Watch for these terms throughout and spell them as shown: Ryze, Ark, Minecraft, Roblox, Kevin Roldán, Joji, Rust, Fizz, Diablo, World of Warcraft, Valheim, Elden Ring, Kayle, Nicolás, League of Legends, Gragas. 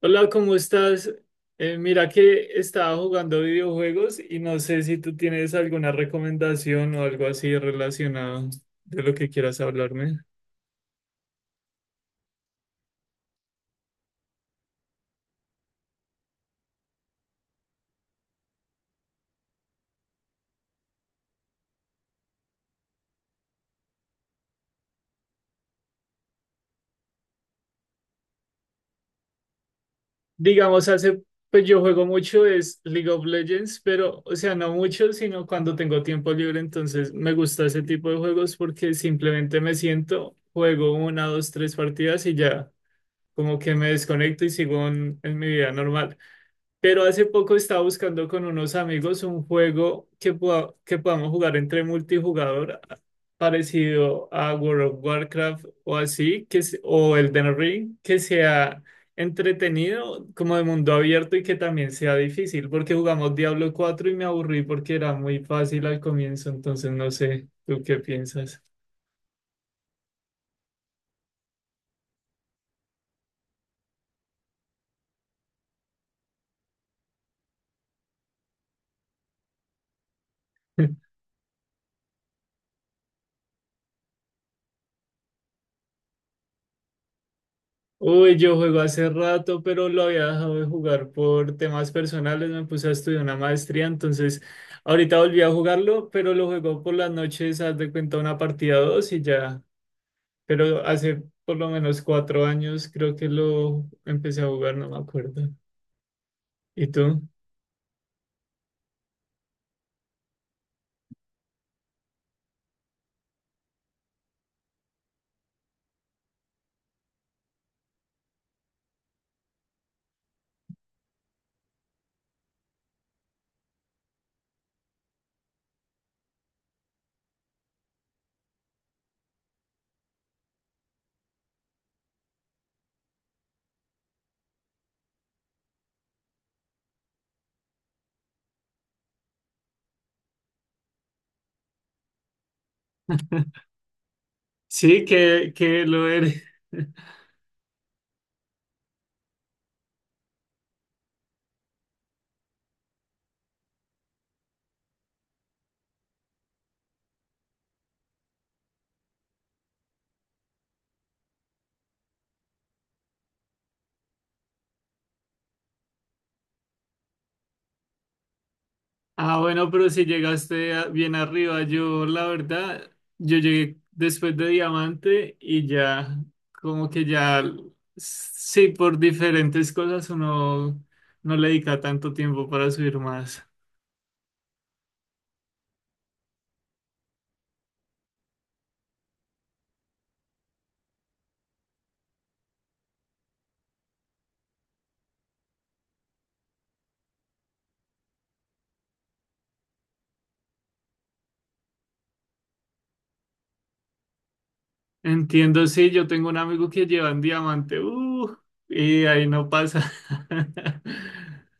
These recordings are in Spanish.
Hola, ¿cómo estás? Mira que estaba jugando videojuegos y no sé si tú tienes alguna recomendación o algo así relacionado de lo que quieras hablarme. Digamos, pues yo juego mucho es League of Legends, pero, o sea, no mucho, sino cuando tengo tiempo libre, entonces me gusta ese tipo de juegos porque simplemente me siento, juego una, dos, tres partidas y ya, como que me desconecto y sigo en mi vida normal. Pero hace poco estaba buscando con unos amigos un juego que podamos jugar entre multijugador parecido a World of Warcraft o así, o Elden Ring, que sea entretenido, como de mundo abierto y que también sea difícil, porque jugamos Diablo 4 y me aburrí porque era muy fácil al comienzo, entonces no sé, ¿tú qué piensas? Uy, yo juego hace rato, pero lo había dejado de jugar por temas personales. Me puse a estudiar una maestría, entonces ahorita volví a jugarlo, pero lo juego por las noches, haz de cuenta una partida o dos y ya. Pero hace por lo menos 4 años creo que lo empecé a jugar, no me acuerdo. ¿Y tú? Sí, que lo eres. Ah, bueno, pero si llegaste bien arriba, yo la verdad, yo llegué después de Diamante y ya, como que ya, sí, por diferentes cosas uno no le dedica tanto tiempo para subir más. Entiendo, sí, yo tengo un amigo que lleva en Diamante, y ahí no pasa.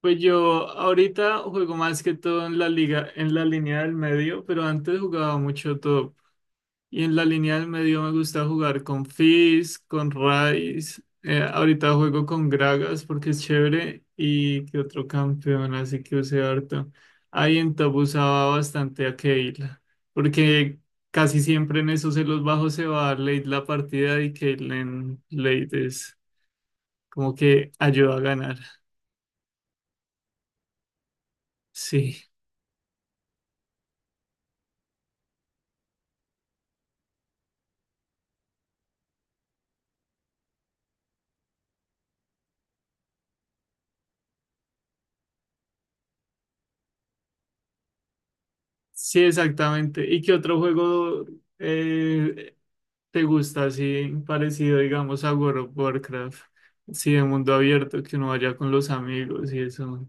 Pues yo ahorita juego más que todo en la liga, en la línea del medio, pero antes jugaba mucho top. Y en la línea del medio me gusta jugar con Fizz, con Ryze. Ahorita juego con Gragas porque es chévere. Y que otro campeón, así que usé harto. Ahí en top usaba bastante a Kayle. Porque casi siempre en esos celos bajos se va a dar late la partida y Kayle en late es como que ayuda a ganar. Sí. Sí, exactamente. ¿Y qué otro juego eh, te gusta así parecido, digamos, a World of Warcraft? Sí, de mundo abierto, que uno vaya con los amigos y eso,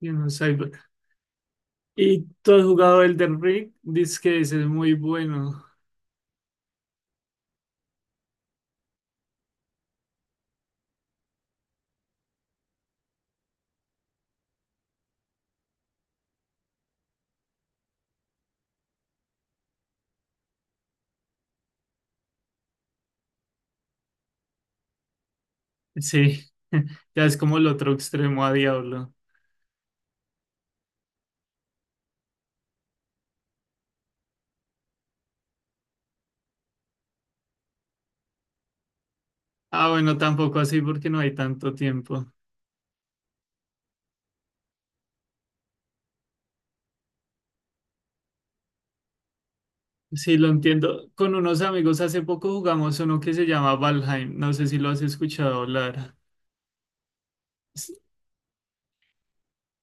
y uno cyber. ¿Y tú has jugado Elden Ring? Dices que ese es muy bueno. Sí, ya es como el otro extremo a Diablo. Ah, bueno, tampoco así porque no hay tanto tiempo. Sí, lo entiendo. Con unos amigos hace poco jugamos uno que se llama Valheim. No sé si lo has escuchado hablar.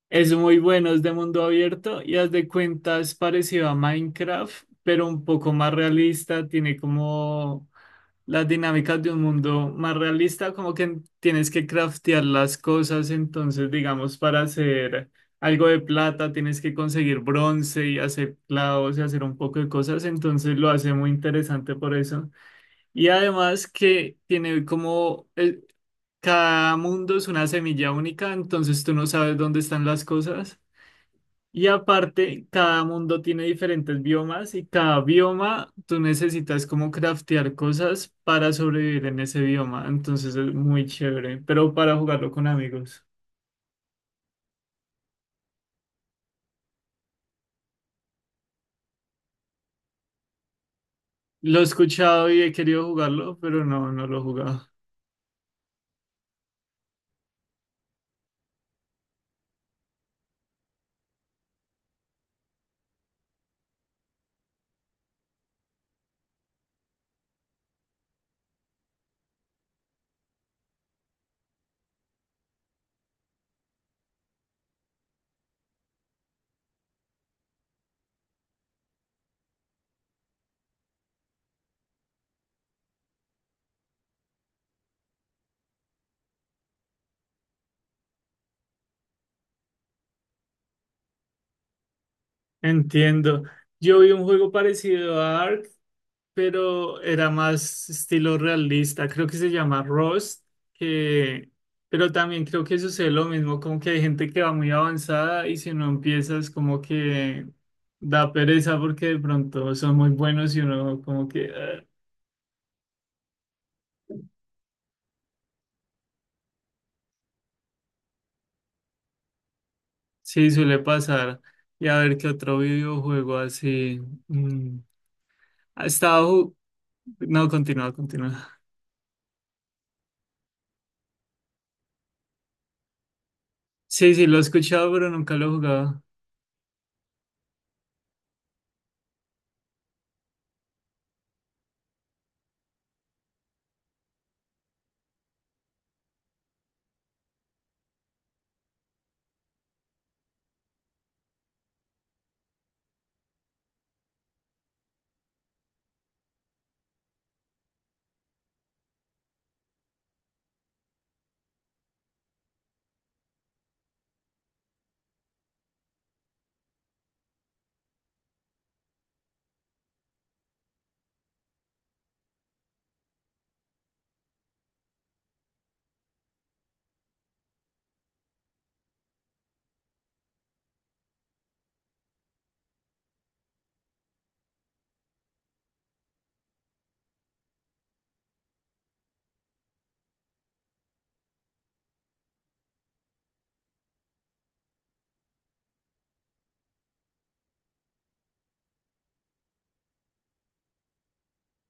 Es muy bueno, es de mundo abierto y haz de cuenta es parecido a Minecraft, pero un poco más realista, tiene como las dinámicas de un mundo más realista, como que tienes que craftear las cosas, entonces digamos para hacer algo de plata tienes que conseguir bronce y hacer clavos y hacer un poco de cosas, entonces lo hace muy interesante por eso. Y además que tiene como, cada mundo es una semilla única, entonces tú no sabes dónde están las cosas. Y aparte, cada mundo tiene diferentes biomas y cada bioma tú necesitas como craftear cosas para sobrevivir en ese bioma. Entonces es muy chévere, pero para jugarlo con amigos. Lo he escuchado y he querido jugarlo, pero no, no lo he jugado. Entiendo. Yo vi un juego parecido a Ark pero era más estilo realista. Creo que se llama Rust, que... pero también creo que sucede lo mismo, como que hay gente que va muy avanzada y si no empiezas como que da pereza porque de pronto son muy buenos y uno como que "Ah". Sí, suele pasar. Y a ver qué otro videojuego así. mm, Ha estado. No, continúa, continúa. Sí, sí, lo he escuchado, pero nunca lo he jugado.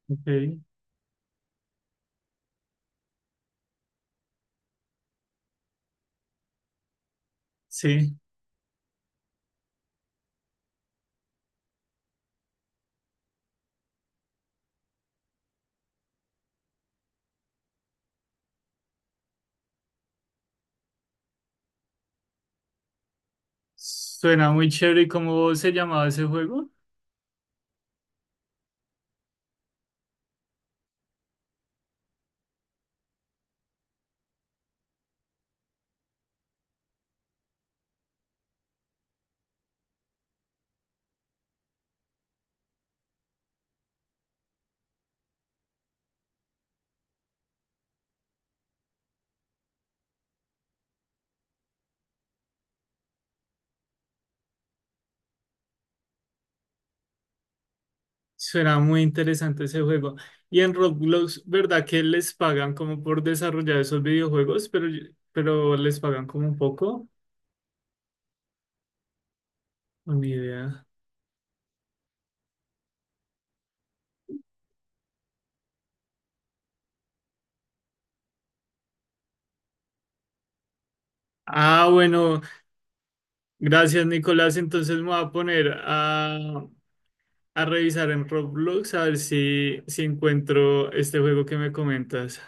Ok, sí. Suena muy chévere. ¿Y cómo se llamaba ese juego? Suena muy interesante ese juego. Y en Roblox, ¿verdad que les pagan como por desarrollar esos videojuegos? Pero les pagan como un poco. O ni idea. Ah, bueno, gracias Nicolás. Entonces me voy a poner a revisar en Roblox a ver si, si encuentro este juego que me comentas.